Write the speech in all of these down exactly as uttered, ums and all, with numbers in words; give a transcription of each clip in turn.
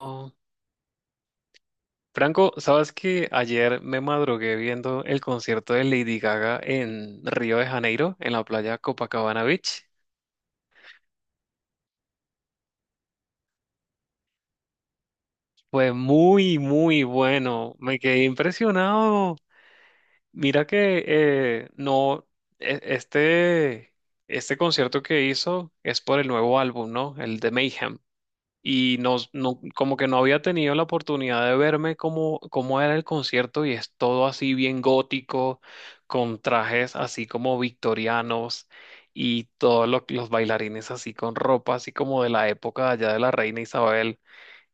Oh. Franco, ¿sabes que ayer me madrugué viendo el concierto de Lady Gaga en Río de Janeiro, en la playa Copacabana Beach? Fue muy, muy bueno. Me quedé impresionado. Mira que eh, no, e- este, este concierto que hizo es por el nuevo álbum, ¿no? El de Mayhem. Y no, no- como que no había tenido la oportunidad de verme cómo, cómo era el concierto y es todo así bien gótico, con trajes así como victorianos y todos lo- los bailarines así con ropa así como de la época allá de la reina Isabel.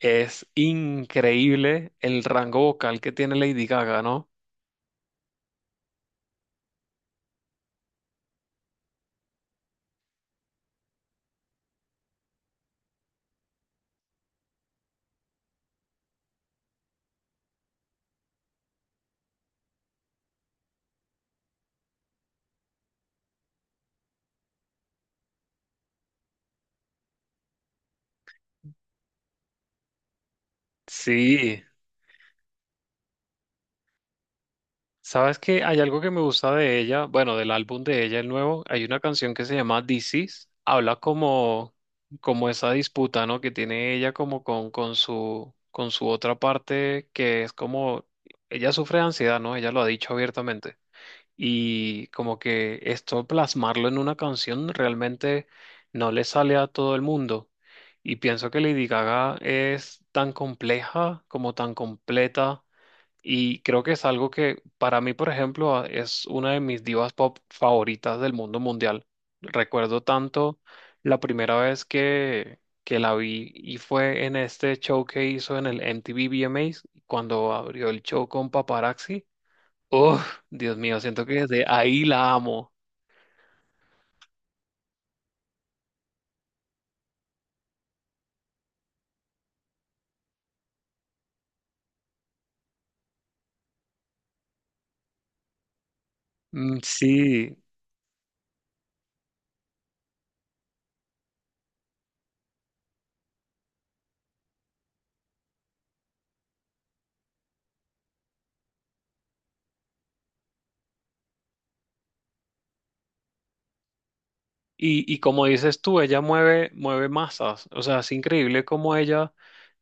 Es increíble el rango vocal que tiene Lady Gaga, ¿no? Sí. Sabes que hay algo que me gusta de ella, bueno, del álbum de ella, el nuevo, hay una canción que se llama This Is, habla como, como esa disputa, ¿no? Que tiene ella como con, con su, con su otra parte, que es como, ella sufre de ansiedad, ¿no? Ella lo ha dicho abiertamente. Y como que esto plasmarlo en una canción realmente no le sale a todo el mundo. Y pienso que Lady Gaga es tan compleja como tan completa y creo que es algo que para mí, por ejemplo, a- es una de mis divas pop favoritas del mundo mundial. Recuerdo tanto la primera vez que, que la vi y fue en este show que hizo en el M T V V M Ays, cuando abrió el show con Paparazzi. Uf, Dios mío, siento que desde ahí la amo. Mm. Sí. Y, y como dices tú, ella mueve, mueve masas. O sea, es increíble cómo ella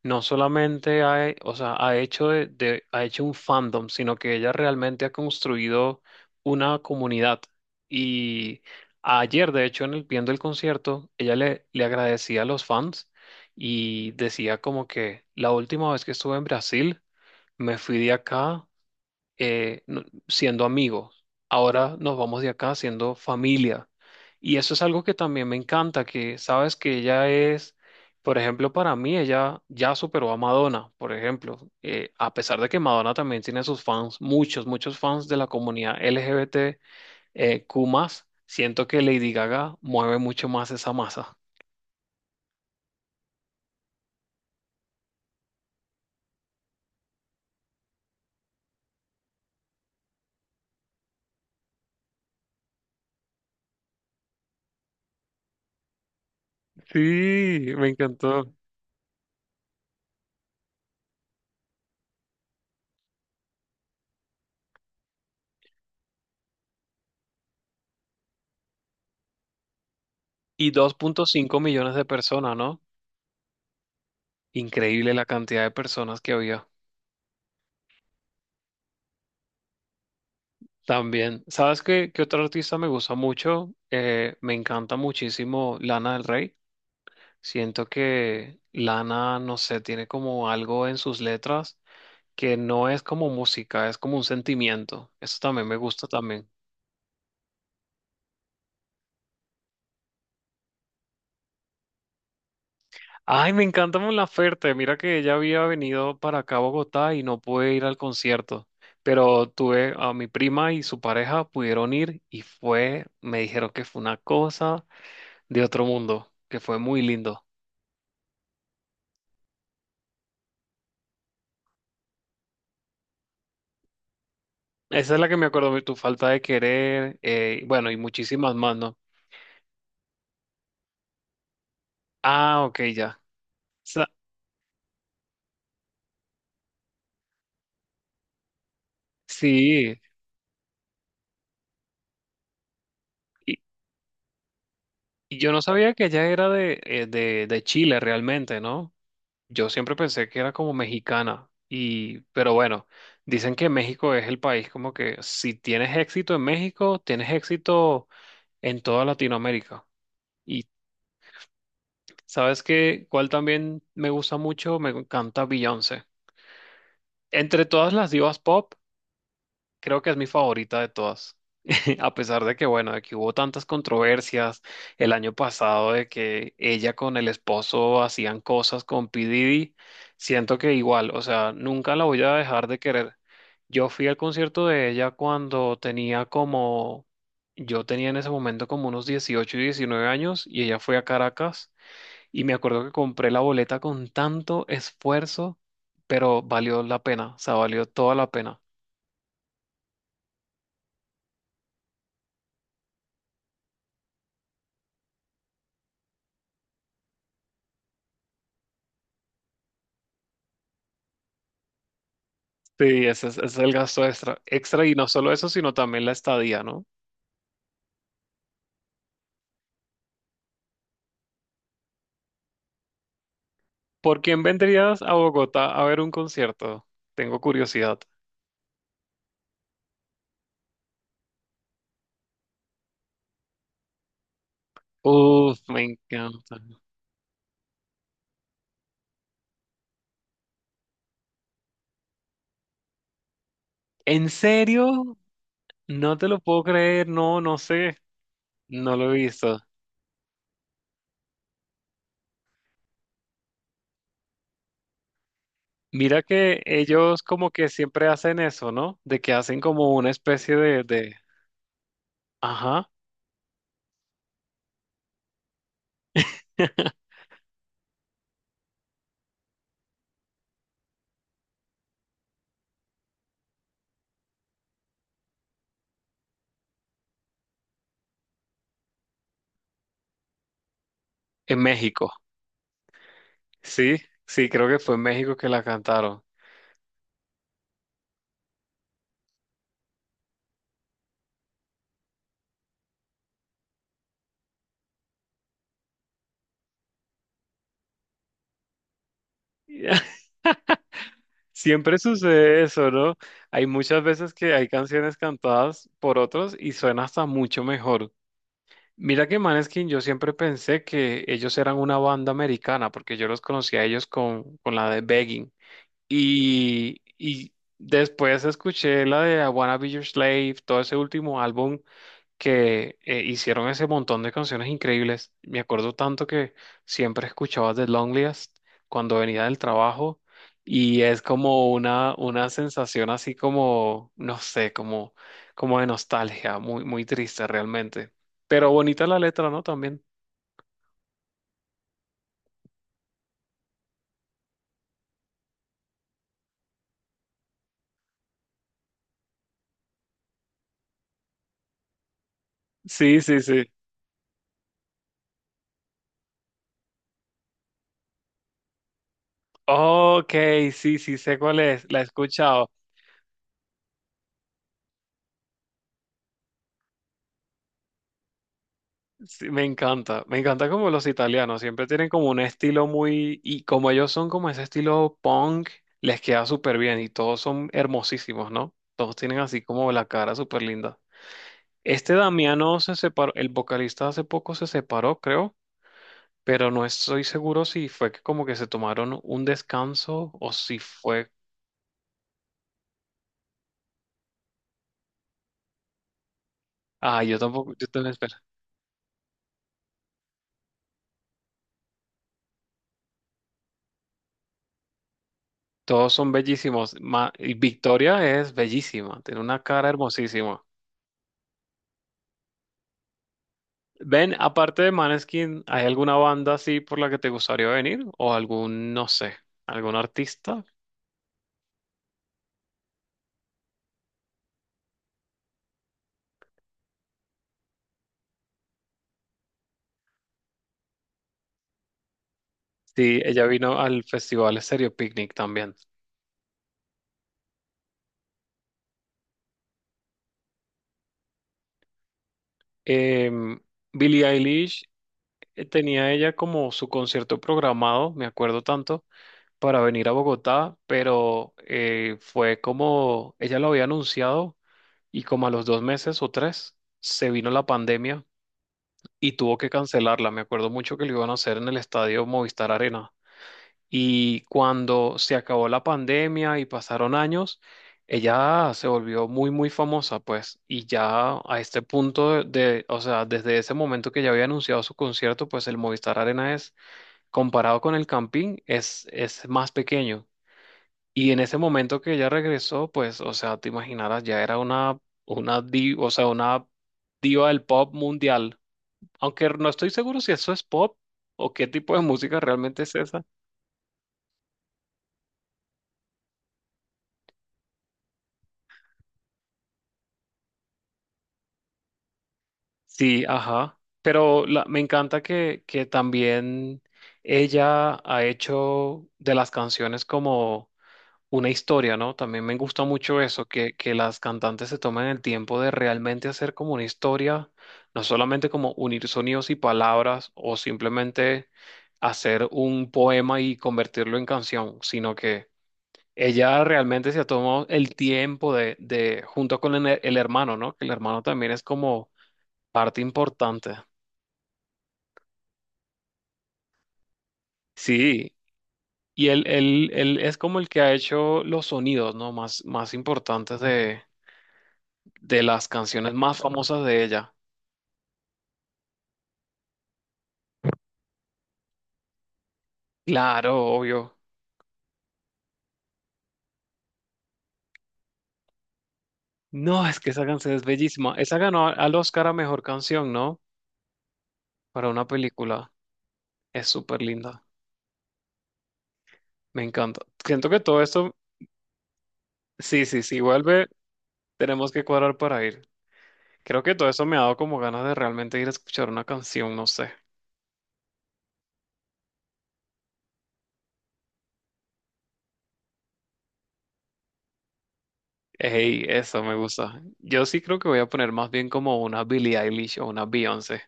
no solamente ha, he- o sea, ha hecho de, de- ha hecho un fandom, sino que ella realmente ha construido una comunidad. Y ayer, de hecho, en el, viendo el concierto, ella le, le agradecía a los fans y decía como que la última vez que estuve en Brasil, me fui de acá eh, no- siendo amigos. Ahora nos vamos de acá siendo familia. Y eso es algo que también me encanta, que sabes que ella es, por ejemplo, para mí ella ya superó a Madonna, por ejemplo. Eh, a pesar de que Madonna también tiene sus fans, muchos, muchos fans de la comunidad L G B T, eh, Q+, más, siento que Lady Gaga mueve mucho más esa masa. Sí, me encantó. Y dos punto cinco millones de personas, ¿no? Increíble la cantidad de personas que había. También, ¿sabes qué, qué otro artista me gusta mucho? Eh, me encanta muchísimo Lana del Rey. Siento que Lana, no sé, tiene como algo en sus letras que no es como música, es como un sentimiento. Eso también me gusta también. Ay, me encanta Mon Laferte. Mira que ella había venido para acá a Bogotá y no pude ir al concierto, pero tuve a mi prima y su pareja pudieron ir y fue, me dijeron que fue una cosa de otro mundo, que fue muy lindo. Esa es la que me acuerdo, de tu falta de querer, eh, bueno, y muchísimas más, ¿no? Ah, ok, ya. Sa- sí, y, y yo no sabía que ella era de, eh, de, de Chile realmente, ¿no? Yo siempre pensé que era como mexicana, y, pero bueno, dicen que México es el país como que si tienes éxito en México, tienes éxito en toda Latinoamérica. Y ¿sabes qué? ¿Cuál también me gusta mucho? Me encanta Beyoncé. Entre todas las divas pop. Creo que es mi favorita de todas. A pesar de que, bueno, de que hubo tantas controversias el año pasado de que ella con el esposo hacían cosas con P. Diddy, siento que igual, o sea, nunca la voy a dejar de querer. Yo fui al concierto de ella cuando tenía como, yo tenía en ese momento como unos dieciocho y diecinueve años y ella fue a Caracas y me acuerdo que compré la boleta con tanto esfuerzo, pero valió la pena, o sea, valió toda la pena. Sí, ese es, ese es el gasto extra, extra y no solo eso, sino también la estadía, ¿no? ¿Por quién vendrías a Bogotá a ver un concierto? Tengo curiosidad. Uf, me encanta. ¿En serio? No te lo puedo creer, no, no sé, no lo he visto. Mira que ellos como que siempre hacen eso, ¿no? De que hacen como una especie de, de... Ajá, en México. Sí, sí, creo que fue en México que la cantaron. Siempre sucede eso, ¿no? Hay muchas veces que hay canciones cantadas por otros y suena hasta mucho mejor. Mira que Maneskin, yo siempre pensé que ellos eran una banda americana, porque yo los conocí a ellos con, con la de Begging. Y, y después escuché la de I Wanna Be Your Slave, todo ese último álbum que eh, hicieron ese montón de canciones increíbles. Me acuerdo tanto que siempre escuchaba The Loneliest cuando venía del trabajo y es como una, una sensación así como, no sé, como, como de nostalgia, muy, muy triste realmente. Pero bonita la letra, ¿no? También. Sí, sí, sí. Ok, sí, sí, sé cuál es, la he escuchado. Sí, me encanta, me encanta como los italianos siempre tienen como un estilo muy, y como ellos son como ese estilo punk, les queda súper bien y todos son hermosísimos, ¿no? Todos tienen así como la cara súper linda. Este Damiano se separó, el vocalista hace poco se separó, creo, pero no estoy seguro si fue que como que se tomaron un descanso o si fue... Ah, yo tampoco, yo también espero. Todos son bellísimos. Ma- y Victoria es bellísima, tiene una cara hermosísima. Ven, aparte de Maneskin, ¿hay alguna banda así por la que te gustaría venir? ¿O algún, no sé, algún artista? Sí, ella vino al festival Stereo Picnic también. Em, Billie Eilish eh, tenía ella como su concierto programado, me acuerdo tanto, para venir a Bogotá, pero eh, fue como ella lo había anunciado y como a los dos meses o tres se vino la pandemia y tuvo que cancelarla. Me acuerdo mucho que lo iban a hacer en el estadio Movistar Arena. Y cuando se acabó la pandemia y pasaron años, ella se volvió muy, muy famosa, pues. Y ya a este punto de, de- o sea, desde ese momento que ya había anunciado su concierto, pues el Movistar Arena es, comparado con el Campín, es, es más pequeño. Y en ese momento que ella regresó, pues, o sea, te imaginarás, ya era una, una, di- o sea, una diva del pop mundial. Aunque no estoy seguro si eso es pop o qué tipo de música realmente es esa. Sí, ajá. Pero la- me encanta que, que también ella ha hecho de las canciones como una historia, ¿no? También me gusta mucho eso, que, que las cantantes se tomen el tiempo de realmente hacer como una historia, no solamente como unir sonidos y palabras o simplemente hacer un poema y convertirlo en canción, sino que ella realmente se ha tomado el tiempo de, de junto con el el hermano, ¿no? Que el hermano también es como parte importante. Sí, y él, él, él es como el que ha hecho los sonidos, ¿no? Más, más importantes de, de las canciones más famosas de ella. Claro, obvio. No, es que esa canción es bellísima. Esa ganó a- al Oscar a mejor canción, ¿no? Para una película. Es súper linda. Me encanta. Siento que todo esto, sí, sí, sí, vuelve, tenemos que cuadrar para ir. Creo que todo eso me ha dado como ganas de realmente ir a escuchar una canción, no sé. Hey, eso me gusta. Yo sí creo que voy a poner más bien como una Billie Eilish o una Beyoncé.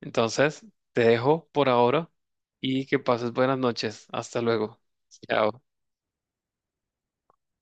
Entonces, te dejo por ahora y que pases buenas noches. Hasta luego. Chao.